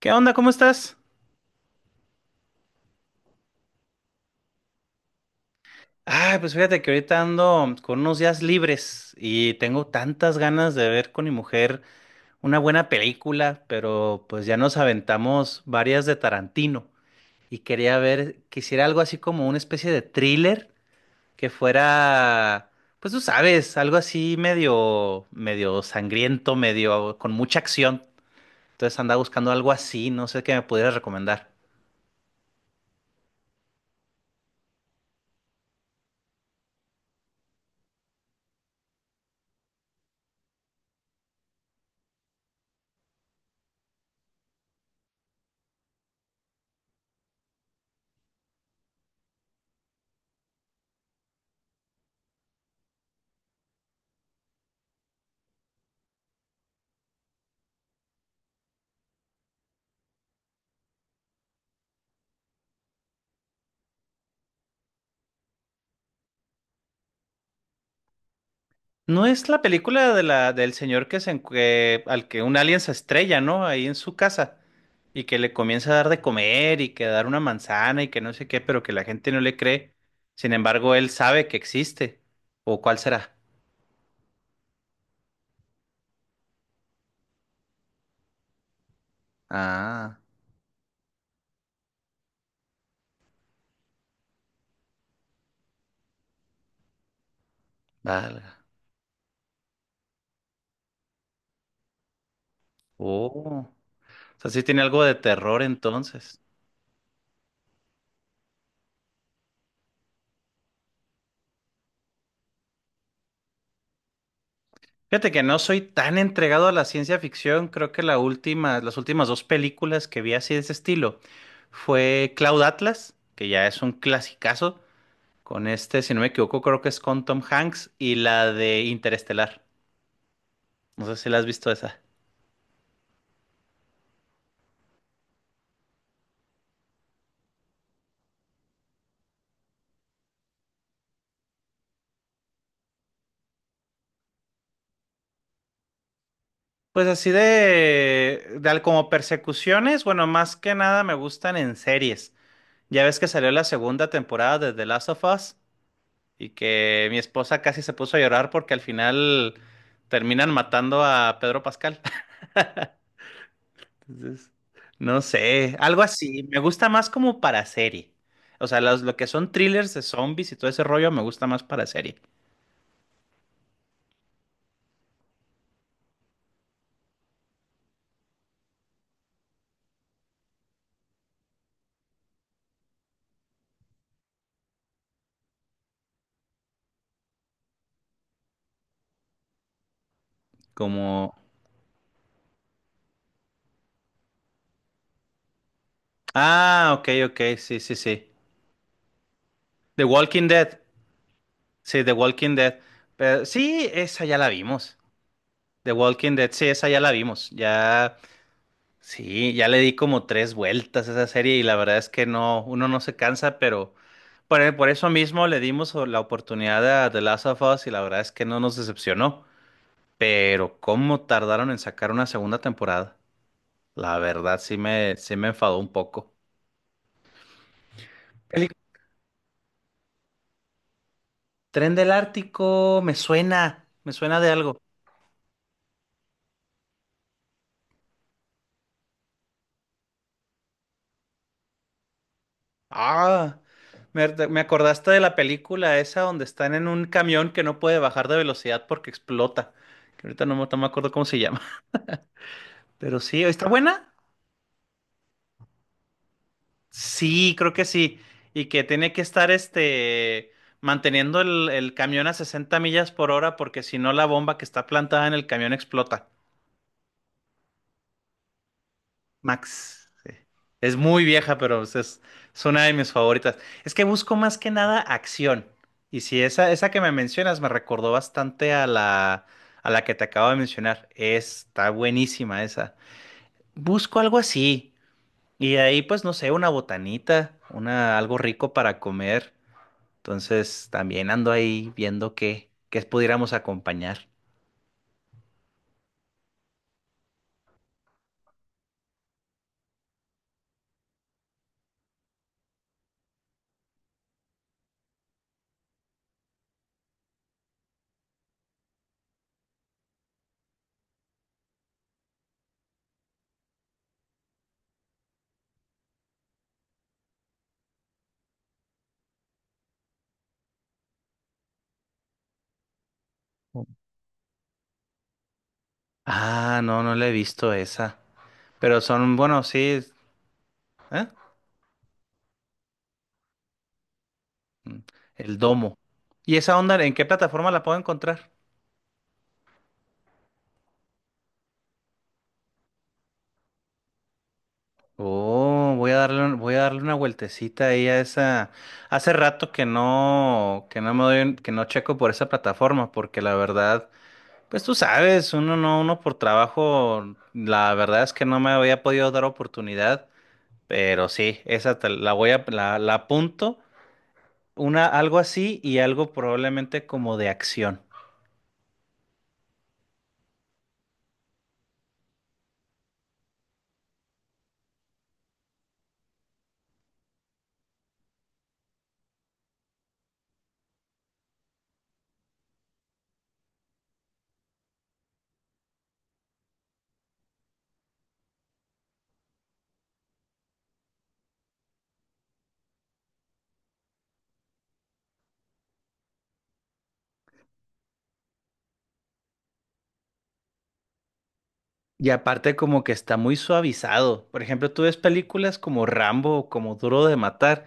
¿Qué onda? ¿Cómo estás? Ah, pues fíjate que ahorita ando con unos días libres y tengo tantas ganas de ver con mi mujer una buena película, pero pues ya nos aventamos varias de Tarantino y quisiera algo así como una especie de thriller que fuera, pues tú sabes, algo así medio, medio sangriento, medio con mucha acción. Entonces andaba buscando algo así, no sé qué me pudieras recomendar. No es la película de la, del señor que se, en- que- al que un alien se estrella, ¿no? Ahí en su casa. Y que le comienza a dar de comer y que a dar una manzana y que no sé qué, pero que la gente no le cree. Sin embargo, él sabe que existe. ¿O cuál será? Ah, valga. Oh. O sea, sí tiene algo de terror entonces. Fíjate que no soy tan entregado a la ciencia ficción. Creo que la última, las últimas dos películas que vi así de ese estilo fue Cloud Atlas, que ya es un clasicazo. Con este, si no me equivoco, creo que es con Tom Hanks y la de Interestelar. No sé si la has visto esa. Pues así como persecuciones, bueno, más que nada me gustan en series. Ya ves que salió la segunda temporada de The Last of Us y que mi esposa casi se puso a llorar porque al final terminan matando a Pedro Pascal. Entonces, no sé, algo así. Me gusta más como para serie. O sea, lo que son thrillers de zombies y todo ese rollo me gusta más para serie. Como Ah, ok, ok, sí, sí, sí. The Walking Dead. Sí, The Walking Dead. Pero sí, esa ya la vimos. The Walking Dead, sí, esa ya la vimos. Ya, sí, ya le di como tres vueltas a esa serie y la verdad es que no, uno no se cansa, pero por eso mismo le dimos la oportunidad a The Last of Us y la verdad es que no nos decepcionó. Pero cómo tardaron en sacar una segunda temporada. La verdad sí me enfadó un poco. El Tren del Ártico, me suena de algo. Ah, me acordaste de la película esa donde están en un camión que no puede bajar de velocidad porque explota. Que ahorita no, me no me acuerdo cómo se llama. Pero sí, ¿está buena? Sí, creo que sí. Y que tiene que estar este manteniendo el camión a 60 millas por hora porque si no la bomba que está plantada en el camión explota. Max. Sí. Es muy vieja, pero es una de mis favoritas. Es que busco más que nada acción. Y si esa, esa que me mencionas me recordó bastante a la que te acabo de mencionar. Está buenísima esa. Busco algo así. Y de ahí, pues, no sé, una botanita, una, algo rico para comer. Entonces, también ando ahí viendo qué pudiéramos acompañar. Ah, no, no la he visto esa. Pero son, bueno, sí. ¿Eh? Mm, el domo. ¿Y esa onda en qué plataforma la puedo encontrar? Oh, voy a darle una vueltecita ahí a esa. Hace rato que no, que no checo por esa plataforma, porque la verdad, pues tú sabes, uno no, uno por trabajo, la verdad es que no me había podido dar oportunidad, pero sí, esa la voy a, la apunto, una, algo así y algo probablemente como de acción. Y aparte como que está muy suavizado. Por ejemplo, tú ves películas como Rambo o como Duro de Matar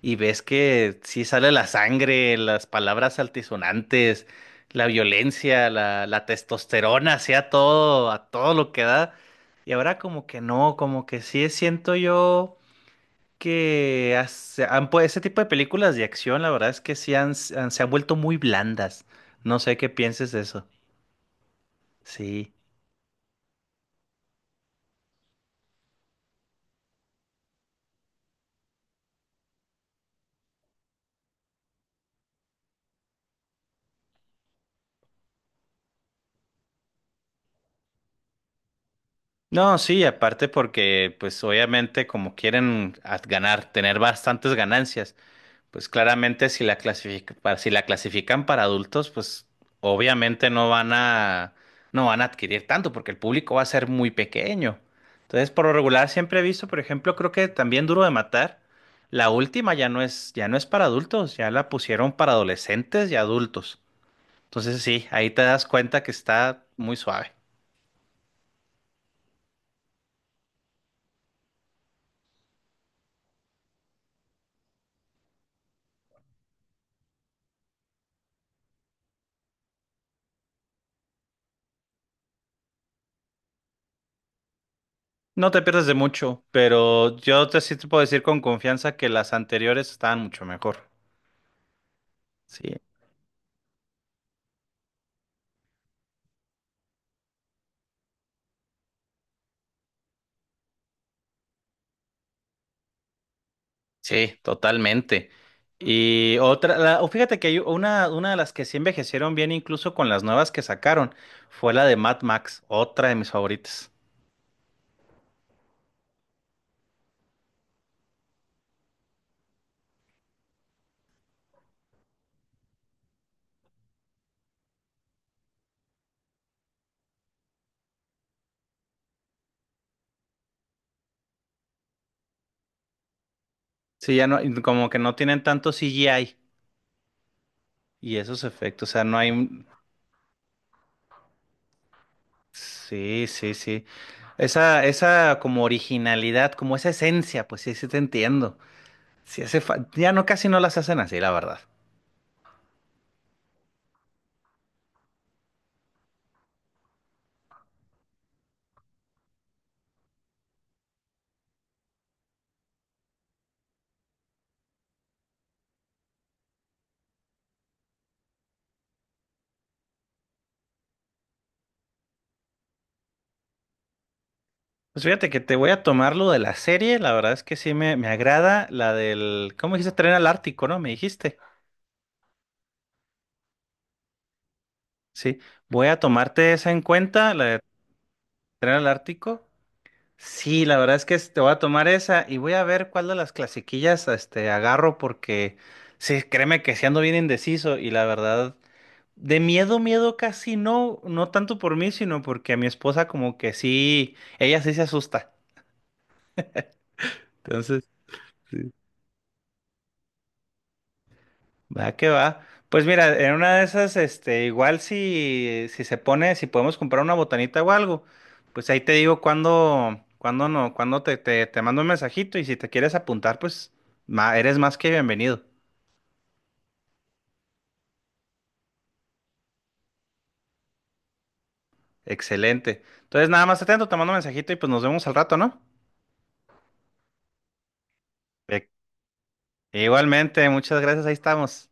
y ves que sí sale la sangre, las palabras altisonantes, la violencia, la testosterona, así a todo lo que da. Y ahora como que no, como que sí siento yo que ese tipo de películas de acción, la verdad es que sí se han vuelto muy blandas. No sé qué pienses de eso. Sí. No, sí, aparte porque pues obviamente como quieren ganar, tener bastantes ganancias, pues claramente si la si la clasifican para adultos, pues obviamente no van a adquirir tanto porque el público va a ser muy pequeño. Entonces, por lo regular siempre he visto, por ejemplo, creo que también Duro de Matar, la última ya no es para adultos, ya la pusieron para adolescentes y adultos. Entonces, sí, ahí te das cuenta que está muy suave. No te pierdes de mucho, pero yo te sí te puedo decir con confianza que las anteriores estaban mucho mejor. Sí, sí, totalmente. Y otra, o fíjate que hay una, de las que sí envejecieron bien, incluso con las nuevas que sacaron, fue la de Mad Max, otra de mis favoritas. Sí, ya no, como que no tienen tanto CGI y esos efectos, o sea, no hay... un- Sí, sí, sí. Esa como originalidad, como esa esencia, pues sí, sí te entiendo. Sí, ya no, casi no las hacen así, la verdad. Pues fíjate que te voy a tomar lo de la serie, la verdad es que sí me agrada la del, ¿cómo dijiste? Tren al Ártico, ¿no? Me dijiste. Sí, voy a tomarte esa en cuenta, la de Tren al Ártico. Sí, la verdad es que te voy a tomar esa y voy a ver cuál de las clasiquillas este, agarro porque sí, créeme que sí ando bien indeciso y la verdad, de miedo, miedo casi no, no tanto por mí, sino porque a mi esposa como que sí, ella sí se asusta. Entonces... sí. Va que va. Pues mira, en una de esas, este, igual si, si podemos comprar una botanita o algo, pues ahí te digo cuándo, cuándo no, cuándo te mando un mensajito y si te quieres apuntar, pues eres más que bienvenido. Excelente. Entonces, nada más atento, te mando un mensajito y pues nos vemos al rato, ¿no? E- Igualmente, muchas gracias, ahí estamos.